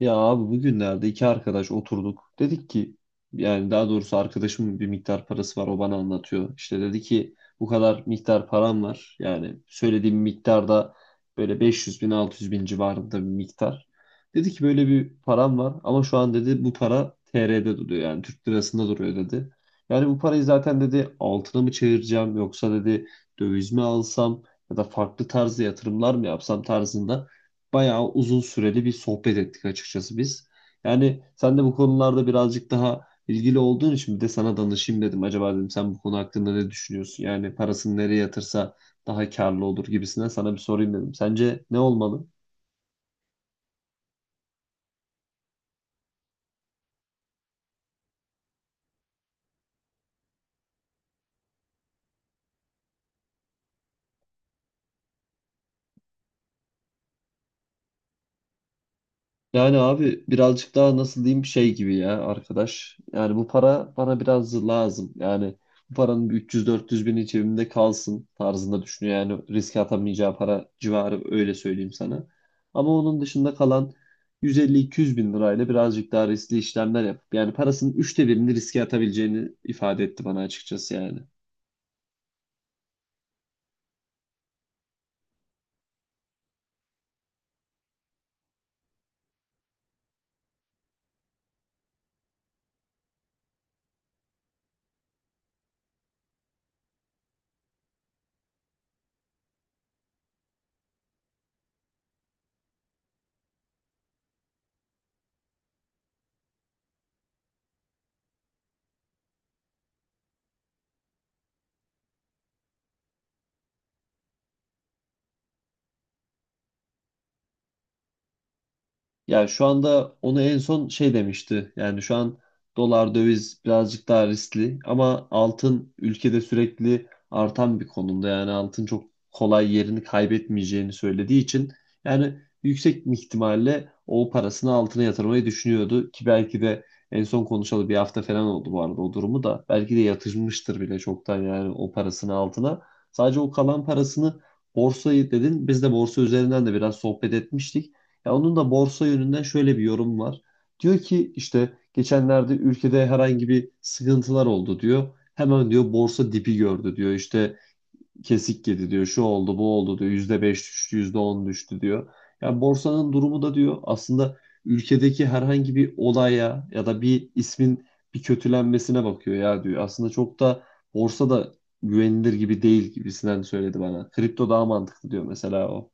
Ya abi bugünlerde iki arkadaş oturduk. Dedik ki, yani daha doğrusu arkadaşımın bir miktar parası var, o bana anlatıyor. İşte dedi ki bu kadar miktar param var. Yani söylediğim miktarda böyle 500 bin 600 bin civarında bir miktar. Dedi ki böyle bir param var, ama şu an dedi bu para TR'de duruyor, yani Türk lirasında duruyor dedi. Yani bu parayı zaten dedi altına mı çevireceğim, yoksa dedi döviz mi alsam ya da farklı tarzda yatırımlar mı yapsam tarzında bayağı uzun süreli bir sohbet ettik açıkçası biz. Yani sen de bu konularda birazcık daha ilgili olduğun için bir de sana danışayım dedim. Acaba dedim sen bu konu hakkında ne düşünüyorsun? Yani parasını nereye yatırsa daha karlı olur gibisinden sana bir sorayım dedim. Sence ne olmalı? Yani abi birazcık daha nasıl diyeyim şey gibi ya arkadaş. Yani bu para bana biraz lazım. Yani bu paranın bir 300-400 bini cebimde kalsın tarzında düşünüyor. Yani riske atamayacağı para civarı, öyle söyleyeyim sana. Ama onun dışında kalan 150-200 bin lirayla birazcık daha riskli işlemler yapıp, yani parasının üçte birini riske atabileceğini ifade etti bana açıkçası yani. Yani şu anda onu en son şey demişti. Yani şu an dolar döviz birazcık daha riskli, ama altın ülkede sürekli artan bir konumda. Yani altın çok kolay yerini kaybetmeyeceğini söylediği için, yani yüksek ihtimalle o parasını altına yatırmayı düşünüyordu ki, belki de en son konuşalı bir hafta falan oldu bu arada o durumu da. Belki de yatırmıştır bile çoktan yani o parasını altına. Sadece o kalan parasını, borsayı dedin. Biz de borsa üzerinden de biraz sohbet etmiştik. Ya onun da borsa yönünden şöyle bir yorum var. Diyor ki işte geçenlerde ülkede herhangi bir sıkıntılar oldu diyor. Hemen diyor borsa dibi gördü diyor. İşte kesik yedi diyor. Şu oldu bu oldu diyor. %5 düştü, %10 düştü diyor. Ya borsanın durumu da diyor aslında ülkedeki herhangi bir olaya ya da bir ismin bir kötülenmesine bakıyor ya diyor. Aslında çok da borsa da güvenilir gibi değil gibisinden söyledi bana. Kripto daha mantıklı diyor mesela o.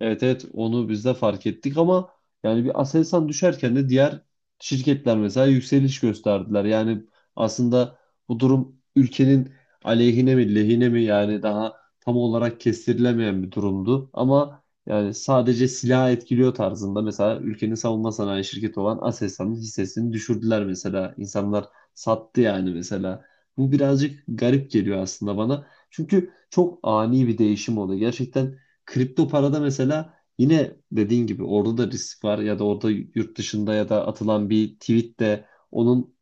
Evet evet, onu biz de fark ettik, ama yani bir Aselsan düşerken de diğer şirketler mesela yükseliş gösterdiler. Yani aslında bu durum ülkenin aleyhine mi lehine mi, yani daha tam olarak kestirilemeyen bir durumdu. Ama yani sadece silah etkiliyor tarzında mesela ülkenin savunma sanayi şirketi olan Aselsan'ın hissesini düşürdüler mesela. İnsanlar sattı yani mesela. Bu birazcık garip geliyor aslında bana. Çünkü çok ani bir değişim oldu gerçekten. Kripto parada mesela, yine dediğin gibi orada da risk var, ya da orada yurt dışında ya da atılan bir tweet de onun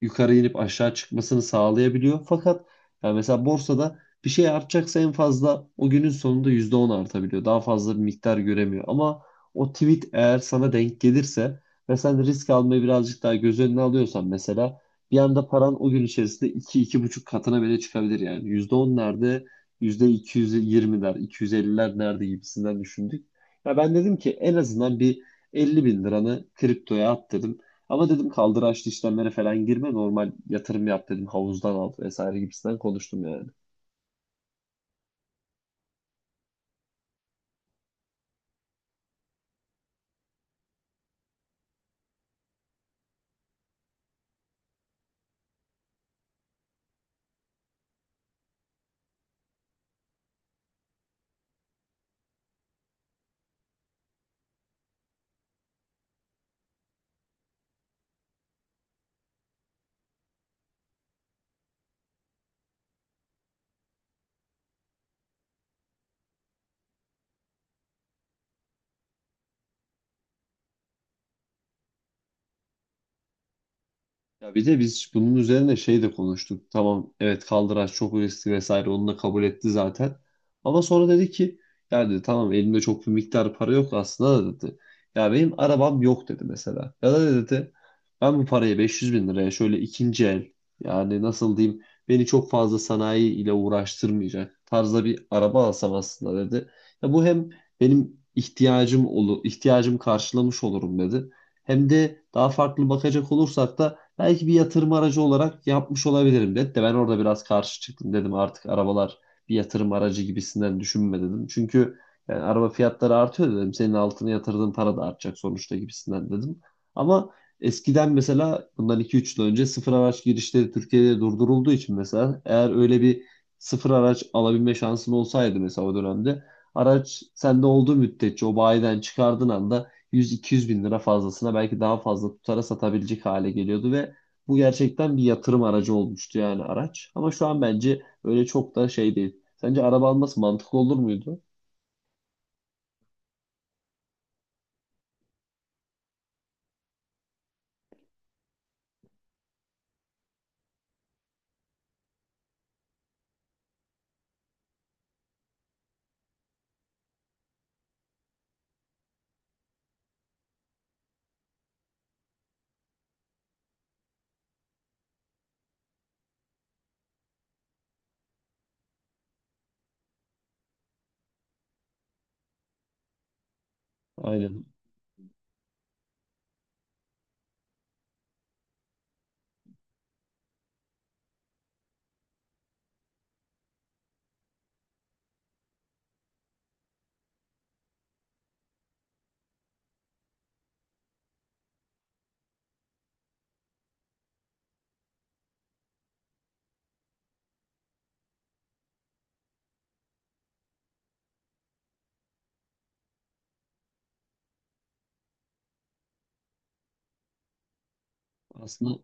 yukarı inip aşağı çıkmasını sağlayabiliyor. Fakat yani mesela borsada bir şey artacaksa en fazla o günün sonunda %10 artabiliyor. Daha fazla bir miktar göremiyor. Ama o tweet eğer sana denk gelirse ve sen risk almayı birazcık daha göz önüne alıyorsan mesela, bir anda paran o gün içerisinde iki, iki buçuk katına bile çıkabilir yani. %10 nerede? %220'ler, 250'ler nerede gibisinden düşündük. Ya ben dedim ki en azından bir 50 bin liranı kriptoya at dedim. Ama dedim kaldıraçlı işlemlere falan girme, normal yatırım yap dedim, havuzdan al vesaire gibisinden konuştum yani. Ya bir de biz bunun üzerine şey de konuştuk. Tamam, evet, kaldıraç çok riskli vesaire, onu da kabul etti zaten. Ama sonra dedi ki, ya dedi tamam elimde çok bir miktar para yok aslında da dedi. Ya benim arabam yok dedi mesela. Ya da dedi ben bu parayı 500 bin liraya şöyle ikinci el, yani nasıl diyeyim, beni çok fazla sanayi ile uğraştırmayacak tarzda bir araba alsam aslında dedi. Ya bu hem benim ihtiyacım olur, ihtiyacım karşılamış olurum dedi. Hem de daha farklı bakacak olursak da belki bir yatırım aracı olarak yapmış olabilirim dedi, de ben orada biraz karşı çıktım, dedim artık arabalar bir yatırım aracı gibisinden düşünme dedim. Çünkü yani araba fiyatları artıyor dedim. Senin altına yatırdığın para da artacak sonuçta gibisinden dedim. Ama eskiden mesela bundan iki üç yıl önce sıfır araç girişleri Türkiye'de durdurulduğu için mesela, eğer öyle bir sıfır araç alabilme şansın olsaydı mesela o dönemde, araç sende olduğu müddetçe o bayiden çıkardığın anda 100-200 bin lira fazlasına, belki daha fazla tutara satabilecek hale geliyordu ve bu gerçekten bir yatırım aracı olmuştu yani araç. Ama şu an bence öyle çok da şey değil. Sence araba alması mantıklı olur muydu? Aynen. Aslında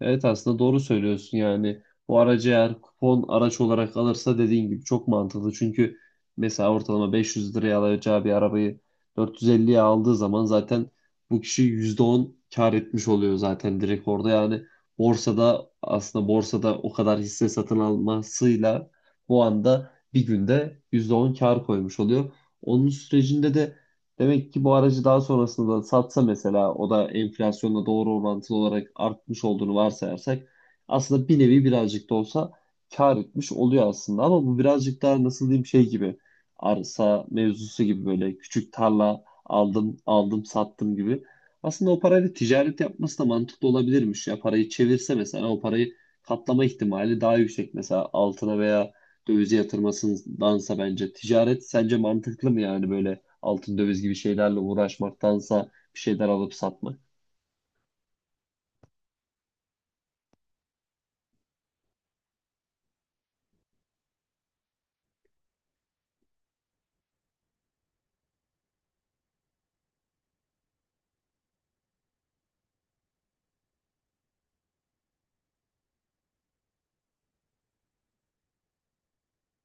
Evet aslında doğru söylüyorsun, yani bu aracı eğer kupon araç olarak alırsa, dediğin gibi çok mantıklı. Çünkü mesela ortalama 500 liraya alacağı bir arabayı 450'ye aldığı zaman zaten bu kişi %10 kar etmiş oluyor zaten direkt orada. Yani borsada, aslında borsada o kadar hisse satın almasıyla bu anda bir günde %10 kar koymuş oluyor. Onun sürecinde de, demek ki bu aracı daha sonrasında da satsa mesela, o da enflasyonla doğru orantılı olarak artmış olduğunu varsayarsak, aslında bir nevi birazcık da olsa kar etmiş oluyor aslında. Ama bu birazcık daha nasıl diyeyim şey gibi, arsa mevzusu gibi, böyle küçük tarla aldım sattım gibi. Aslında o parayla ticaret yapması da mantıklı olabilirmiş ya, parayı çevirse mesela o parayı katlama ihtimali daha yüksek mesela altına veya dövize yatırmasındansa. Bence ticaret, sence mantıklı mı yani böyle altın döviz gibi şeylerle uğraşmaktansa bir şeyler alıp satmak?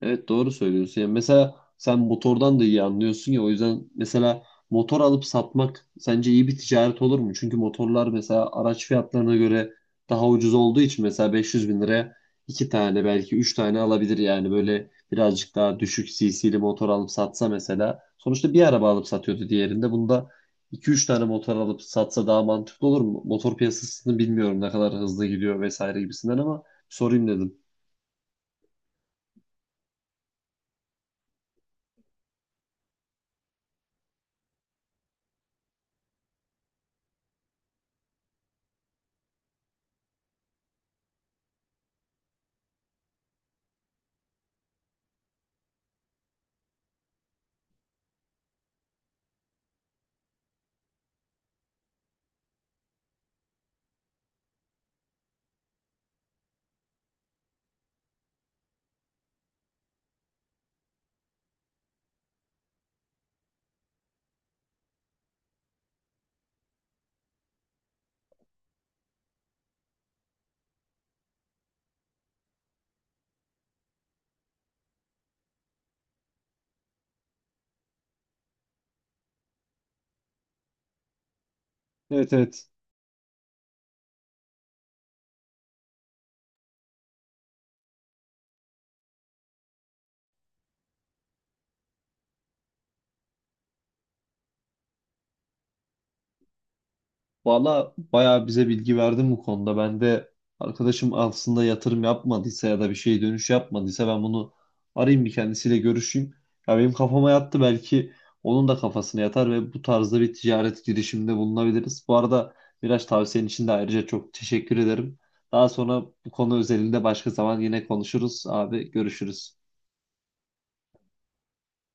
Evet doğru söylüyorsun. Yani mesela sen motordan da iyi anlıyorsun ya, o yüzden mesela motor alıp satmak sence iyi bir ticaret olur mu? Çünkü motorlar mesela araç fiyatlarına göre daha ucuz olduğu için mesela 500 bin liraya iki tane belki üç tane alabilir, yani böyle birazcık daha düşük cc'li motor alıp satsa mesela, sonuçta bir araba alıp satıyordu diğerinde, bunda iki üç tane motor alıp satsa daha mantıklı olur mu? Motor piyasasını bilmiyorum, ne kadar hızlı gidiyor vesaire gibisinden, ama sorayım dedim. Evet evet. Valla bayağı bize bilgi verdin bu konuda. Ben de arkadaşım aslında yatırım yapmadıysa ya da bir şey dönüş yapmadıysa ben bunu arayayım, bir kendisiyle görüşeyim. Ya benim kafama yattı, belki onun da kafasına yatar ve bu tarzda bir ticaret girişiminde bulunabiliriz. Bu arada biraz tavsiyen için de ayrıca çok teşekkür ederim. Daha sonra bu konu özelinde başka zaman yine konuşuruz abi, görüşürüz.